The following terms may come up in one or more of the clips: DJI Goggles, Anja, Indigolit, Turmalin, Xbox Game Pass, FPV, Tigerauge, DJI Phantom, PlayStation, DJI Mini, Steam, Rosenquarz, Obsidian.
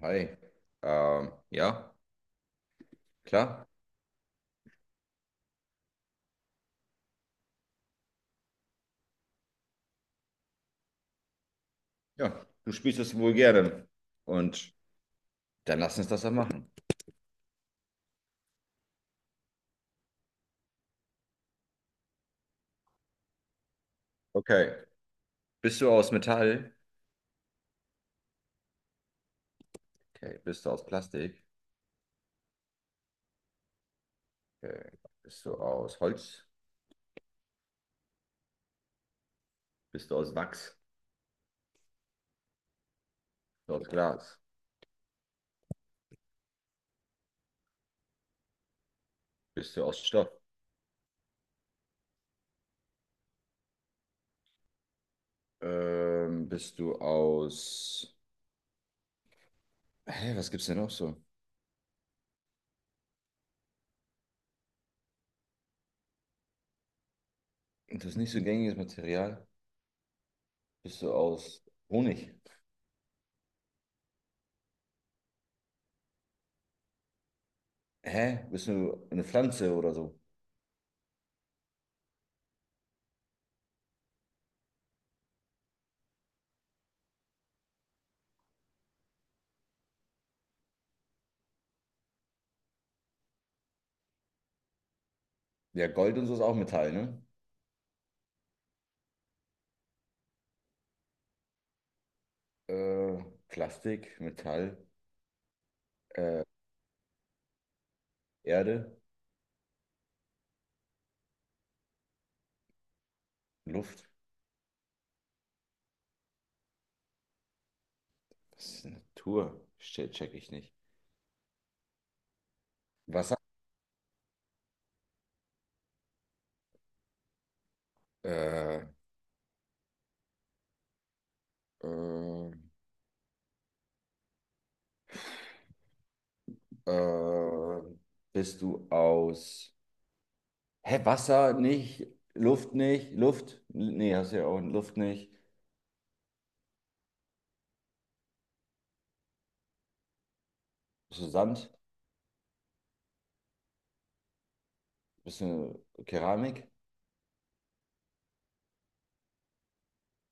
Hi. Ja, klar. Ja, du spielst es wohl gerne. Und dann lass uns das doch machen. Okay. Bist du aus Metall? Okay. Bist du aus Plastik? Okay. Bist du aus Holz? Bist du aus Wachs? Bist du aus Glas? Bist du aus Stoff? Bist du aus... Hä, was gibt's denn noch so? Das ist nicht so gängiges Material. Bist du aus Honig? Hä? Bist du eine Pflanze oder so? Ja, Gold und so ist auch Metall, ne? Plastik, Metall, äh, Erde, Luft. Was ist Natur? Check ich nicht. Wasser. Äh, äh, äh, Bist du aus. Hä, Wasser nicht, Luft nicht, Luft? Nee, hast du ja auch Luft nicht. Bist du Sand? Bist du Keramik?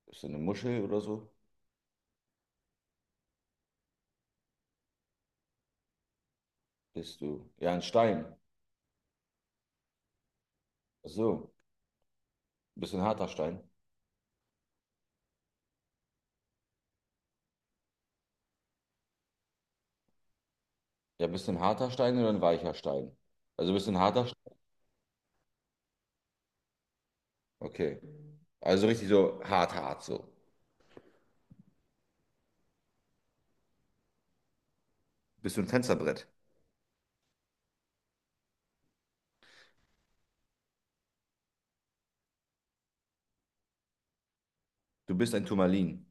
Bist du eine Muschel oder so? Bist du. Ja, ein Stein. Ach so. Bist du ein harter Stein? Ja, bist du ein harter Stein oder ein weicher Stein? Also bist du ein harter Okay. Also richtig so hart, hart so. Bist du ein Fensterbrett? Du bist ein Turmalin.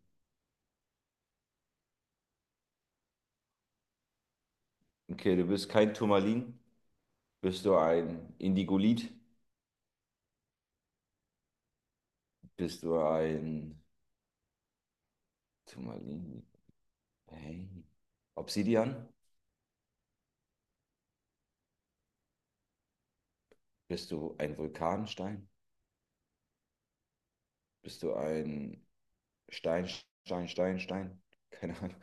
Okay, du bist kein Turmalin. Bist du ein Indigolit? Bist du ein Turmalin? Hey. Obsidian? Bist du ein Vulkanstein? Bist du ein Stein, Stein, Stein, Stein? Keine Ahnung.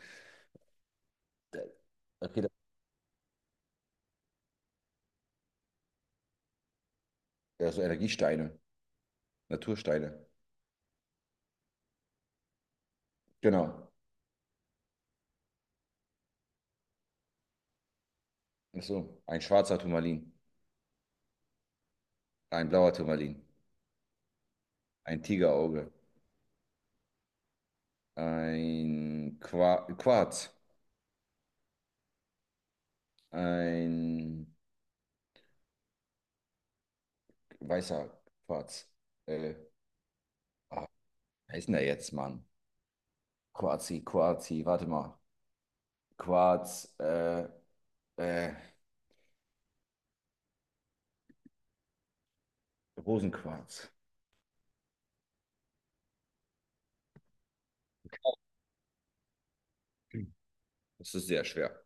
Okay, das ja, so Energiesteine, Natursteine. Genau. Ach so, ein schwarzer Turmalin, ein blauer Turmalin, ein Tigerauge. Ein Quarz. Ein weißer Quarz. Äh, ah, Wer ist denn der jetzt, Mann? Quarzi, Quarzi, warte mal. Quarz, äh, Rosenquarz. Das ist sehr schwer.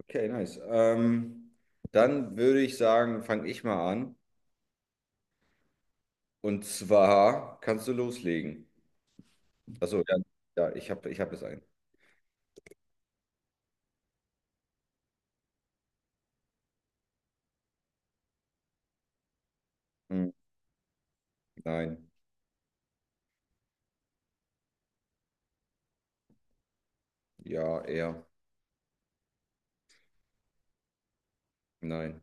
Okay, nice. Dann würde ich sagen, fange ich mal an. Und zwar kannst du loslegen. Achso, ja, ja, ich hab es ein. Hm, nein, ja, er, nein,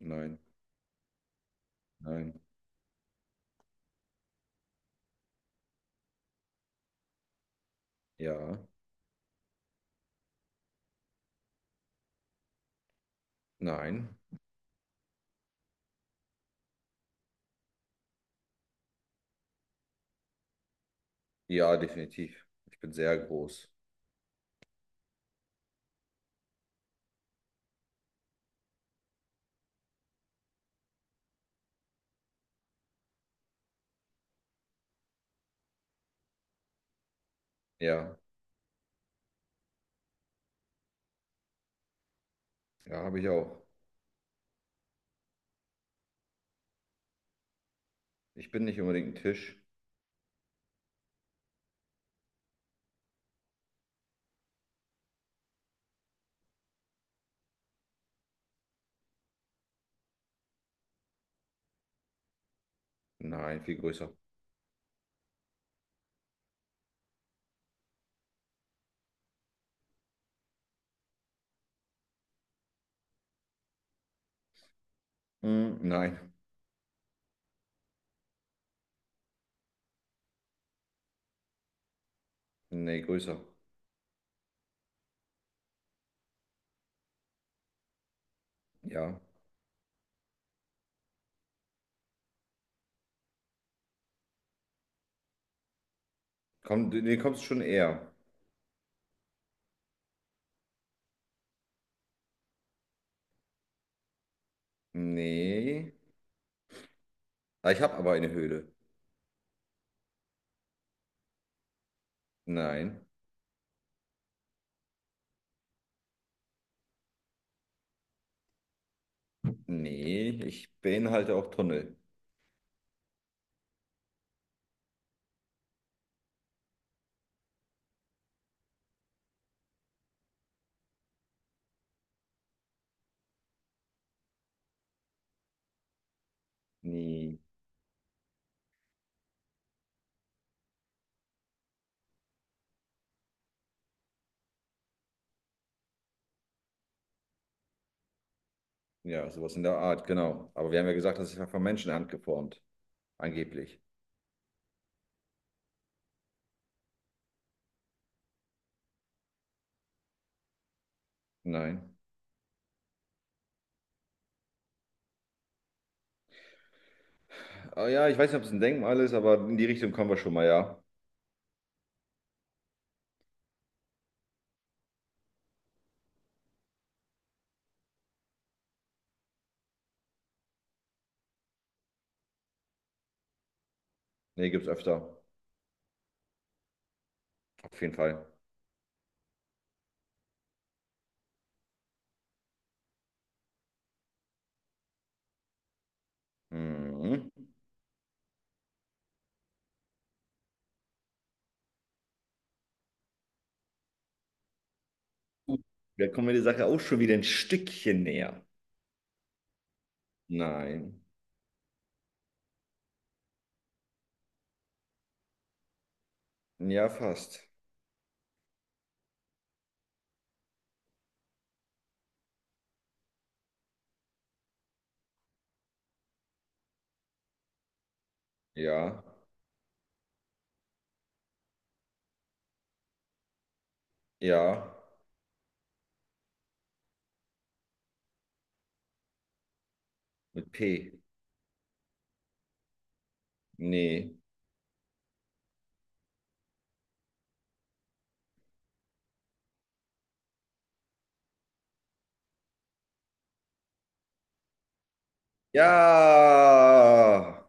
nein, nein, ja, nein. Ja, definitiv. Ich bin sehr groß. Ja, ja, habe ich auch. Ich bin nicht unbedingt ein Tisch. Nein, viel größer. Hm, nein, nee, größer. Ja. Komm, du nee, kommst schon eher. Nee. Ah, ich habe aber eine Höhle. Nein. Nee, ich beinhalte auch Tunnel. Nee. Ja, sowas in der Art, genau. Aber wir haben ja gesagt, das ist ja von Menschenhand geformt. Angeblich. Nein. Ah, ja, ich weiß nicht, ob es ein Denkmal ist, aber in die Richtung kommen wir schon mal, ja. Nee, gibt's öfter. Auf jeden Fall. Mhm. Gut, da kommen wir der Sache auch schon wieder ein Stückchen näher. Nein. Ja, fast. Ja. Ja. Mit P. Nee. Ja!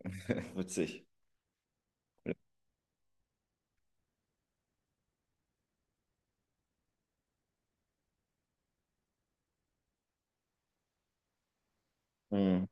Witzig. Hm.